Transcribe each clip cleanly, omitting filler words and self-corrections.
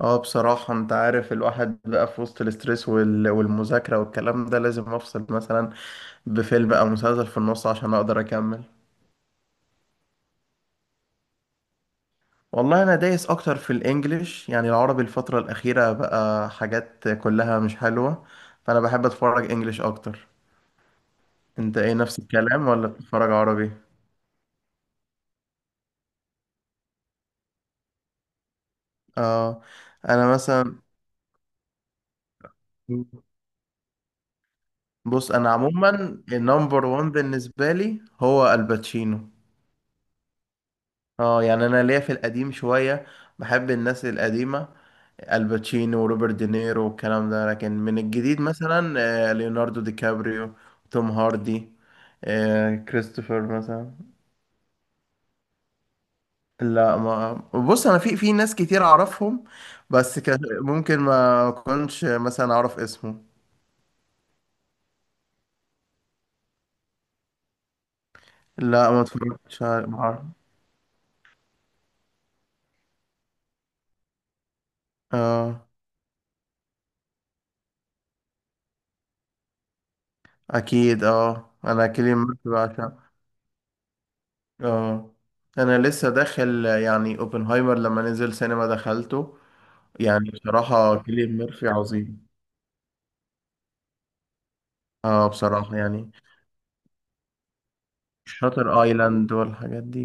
اه بصراحة، انت عارف، الواحد بقى في وسط الاسترس والمذاكرة والكلام ده، لازم افصل مثلا بفيلم او مسلسل في النص عشان اقدر اكمل. والله انا دايس اكتر في الانجليش، يعني العربي الفترة الاخيرة بقى حاجات كلها مش حلوة، فانا بحب اتفرج انجليش اكتر. انت ايه؟ نفس الكلام ولا بتتفرج عربي؟ اه، انا مثلا، بص انا عموما النمبر وان بالنسبة لي هو الباتشينو. اه، يعني انا ليا في القديم شوية، بحب الناس القديمة، الباتشينو وروبرت دينيرو والكلام ده، لكن من الجديد مثلا ليوناردو دي كابريو، توم هاردي، كريستوفر مثلا. لا، ما بص انا في ناس كتير اعرفهم، بس كان ممكن ما كنتش مثلا اعرف اسمه. لا، ما اتفرجتش على- ما أعرف. اه، اكيد. اه انا كيليان ميرفي بعشقه. اه، انا لسه داخل يعني اوبنهايمر، لما نزل سينما دخلته. يعني بصراحة كيليان ميرفي عظيم. اه، بصراحة يعني شاتر ايلاند والحاجات دي.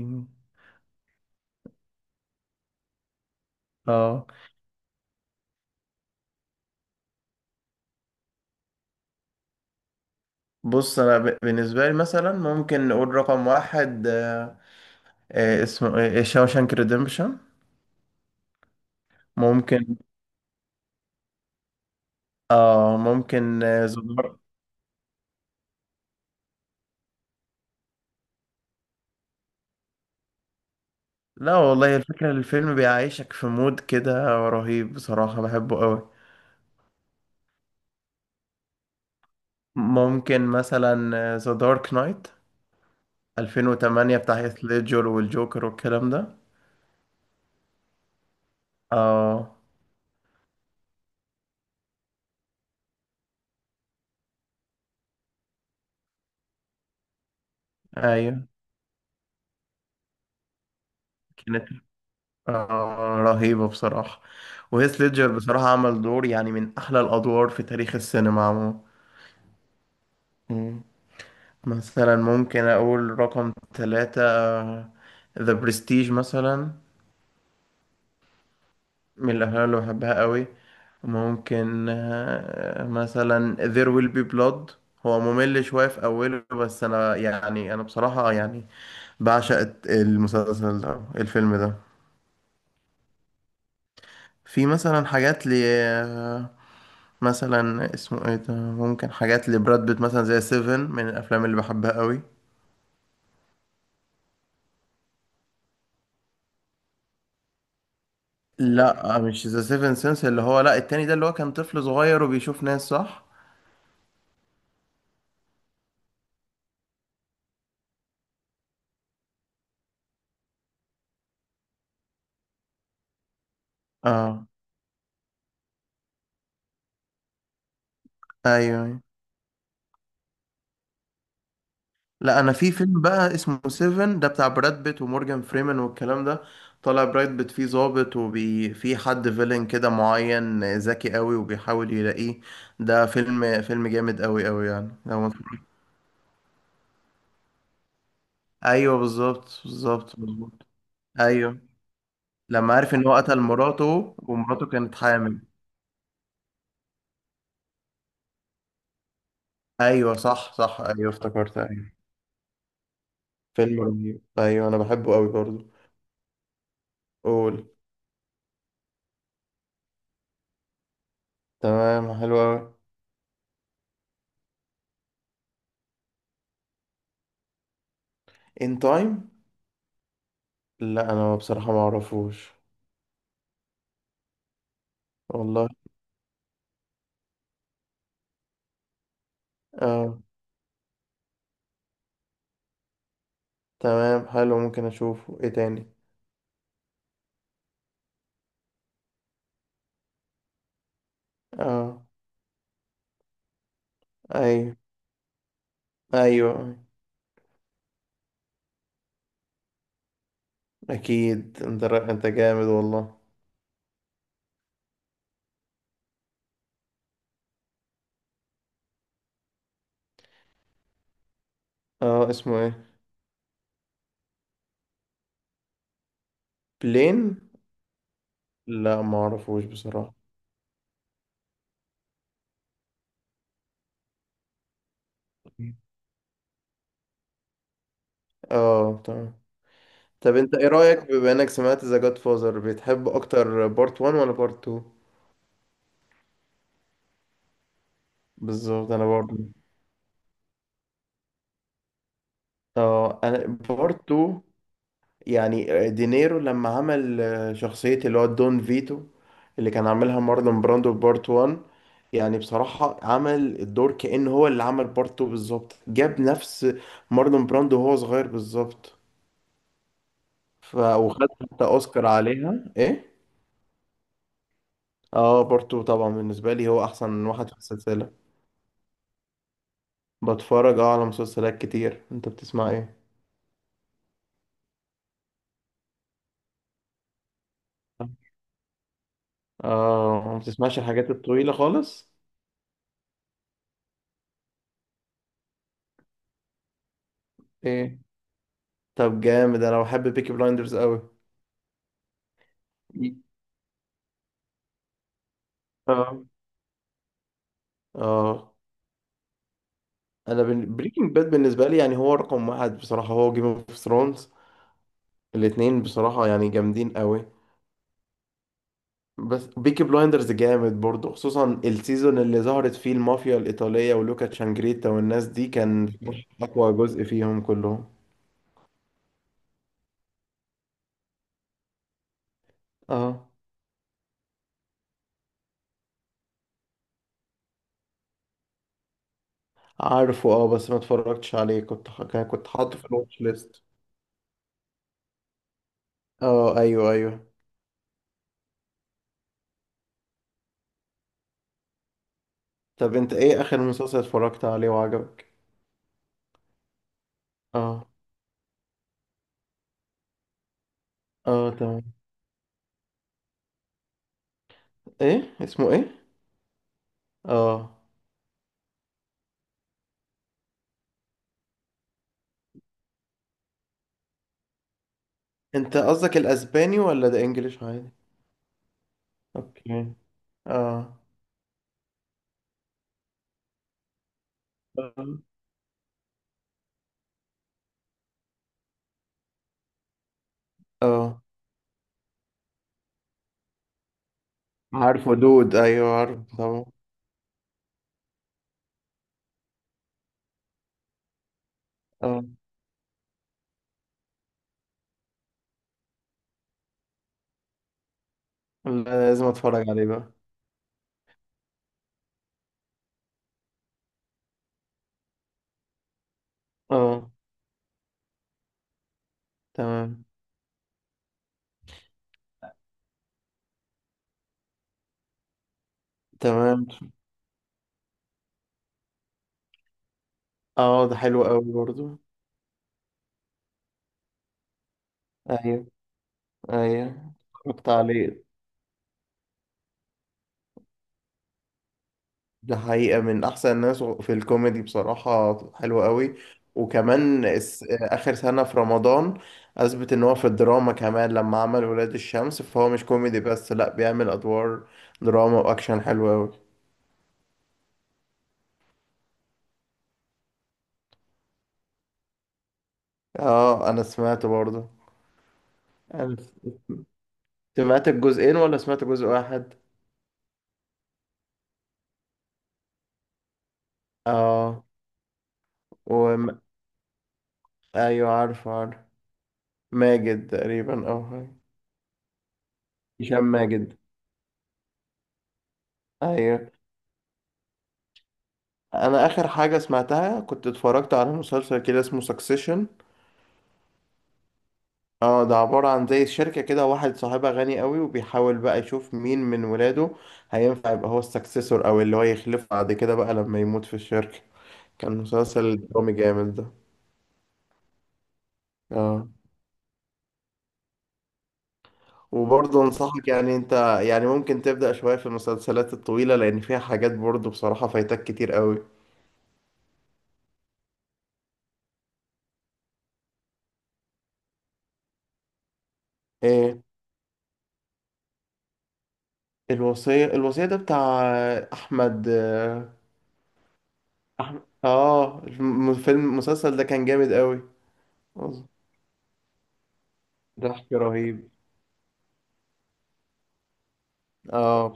اه، بص انا بالنسبه لي مثلا ممكن نقول رقم واحد، اسمه ايه، شاوشانك ريديمبشن. ممكن اه ممكن، The Dark-. لا والله، الفكره الفيلم بيعيشك في مود كده، رهيب بصراحه، بحبه قوي. ممكن مثلا ذا دارك نايت 2008 بتاع هيث ليدجر والجوكر والكلام ده. اه، ايوه، كانت رهيبة بصراحة. وهيث ليدجر بصراحة عمل دور يعني من أحلى الأدوار في تاريخ السينما عموما. مم. مثلا ممكن أقول رقم ثلاثة، ذا برستيج، مثلا من الأفلام اللي بحبها قوي. ممكن مثلا There Will Be Blood. هو ممل شوية في أوله، بس أنا بصراحة يعني بعشق المسلسل ده، الفيلم ده. في مثلا حاجات لي، مثلا اسمه ايه ده، ممكن حاجات لبراد بيت مثلا زي سيفن، من الافلام اللي بحبها قوي. لا، مش ذا سيفن سنس، اللي هو لا، التاني ده اللي هو كان طفل صغير وبيشوف ناس، صح؟ اه، ايوه، أيوة. لا، انا في فيلم بقى اسمه سيفن ده بتاع براد بيت ومورجان فريمان والكلام ده. طلع براد بيت فيه ضابط، في حد فيلن كده معين ذكي قوي وبيحاول يلاقيه. ده فيلم جامد قوي قوي، يعني لو-. ايوه، بالظبط، بالظبط، بالظبط. ايوه، لما عرف ان هو قتل مراته، ومراته كانت حامل. ايوه، صح، صح، ايوه، افتكرت، ايوه. فيلم رهيب، ايوه، انا بحبه قوي برضه. قول. تمام، حلو قوي. ان تايم؟ لا، انا بصراحه ما اعرفوش. والله. اه، تمام، حلو، ممكن اشوفه. ايه تاني؟ اه، ايوه، ايوه. اكيد، انت جامد والله. اه، اسمه ايه؟ بلين. لا، ما اعرفوش بصراحه. اه، تمام. طب انت ايه رأيك، بما انك سمعت ذا جاد فازر، بتحب اكتر بارت 1 ولا بارت 2؟ بالظبط، انا برضه. اه، انا بارت 2، يعني دينيرو لما عمل شخصية اللي هو دون فيتو اللي كان عاملها مارلون براندو في بارت 1، يعني بصراحة عمل الدور كأنه هو اللي عمل بارت 2 بالظبط، جاب نفس مارلون براندو وهو صغير بالظبط. وخد حتى اوسكار عليها، ايه. اه، بارت 2 طبعا بالنسبة لي هو احسن واحد في السلسلة. بتفرج على مسلسلات كتير. انت بتسمع ايه؟ اه، ما بتسمعش الحاجات الطويلة خالص. ايه؟ طب جامد، انا بحب بيكي بلايندرز قوي. اه، اه، انا بريكنج باد بالنسبة لي يعني هو رقم واحد، بصراحة هو جيم اوف ثرونز. الاتنين بصراحة يعني جامدين قوي. بس بيكي بلايندرز جامد برضه، خصوصا السيزون اللي ظهرت فيه المافيا الإيطالية ولوكا تشانجريتا والناس دي، كان أقوى جزء فيهم كلهم. اه، عارفه، بس ما اتفرجتش عليه، كنت كنت حاطه في الواتش ليست. اه، ايوه، ايوه. طب انت ايه اخر مسلسل اتفرجت عليه وعجبك؟ اه، اه، تمام. ايه؟ اسمه ايه؟ اه. انت قصدك الاسباني ولا ده انجليش عادي؟ اوكي. اه. اه، عارفه دود، ايوه، عارفه طبعا. اه، لا، لازم اتفرج عليه بقى. اه، تمام. تمام. اه، ده حلو قوي برضو. ايوه، ايوه، اتفرجت عليه. ده حقيقة من أحسن الناس في الكوميدي بصراحة، حلو قوي. وكمان آخر سنة في رمضان أثبت إن هو في الدراما كمان، لما عمل ولاد الشمس، فهو مش كوميدي بس، لأ، بيعمل أدوار دراما وأكشن، حلو قوي. آه، أنا سمعته برضه. أنا سمعت الجزئين ولا سمعت جزء واحد؟ آه. و... أيوة، عارفه، عارف. ماجد تقريبا، أو حاجة. هشام ماجد. أيوة. أنا آخر حاجة سمعتها كنت اتفرجت على مسلسل كده اسمه سكسيشن. اه، ده عبارة عن زي شركة كده، واحد صاحبها غني قوي وبيحاول بقى يشوف مين من ولاده هينفع يبقى هو السكسيسور، او اللي هو يخلفه بعد كده بقى لما يموت في الشركة. كان مسلسل درامي جامد ده. اه، وبرضه انصحك، يعني انت يعني ممكن تبدأ شوية في المسلسلات الطويلة، لان فيها حاجات برضه بصراحة فايتك كتير قوي. ايه؟ الوصية، الوصية ده بتاع احمد، احمد المسلسل ده كان جامد قوي. ضحك رهيب. اه.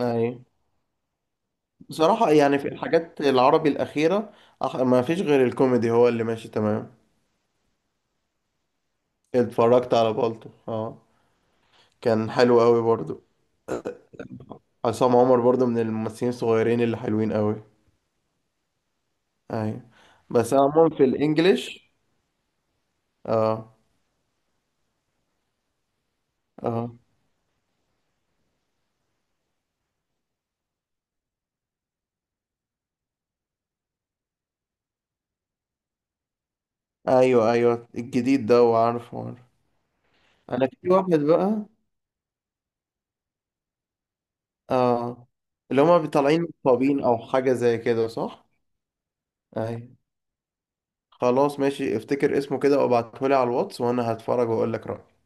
اي، بصراحة يعني في الحاجات العربي الأخيرة ما فيش غير الكوميدي هو اللي ماشي تمام. اتفرجت على بالطو، كان حلو قوي برضو. عصام عمر برضو من الممثلين الصغيرين اللي حلوين قوي. ايوه، بس انا عموما في الانجليش. اه. اه، ايوه، ايوه، الجديد ده، وعارفه، عارفه. انا في واحد بقى. اه. اللي هما طالعين مصابين او حاجة زي كده، صح؟ ايوه. خلاص، ماشي، افتكر اسمه كده وابعتهولي على الواتس، وانا هتفرج واقول لك رأيي.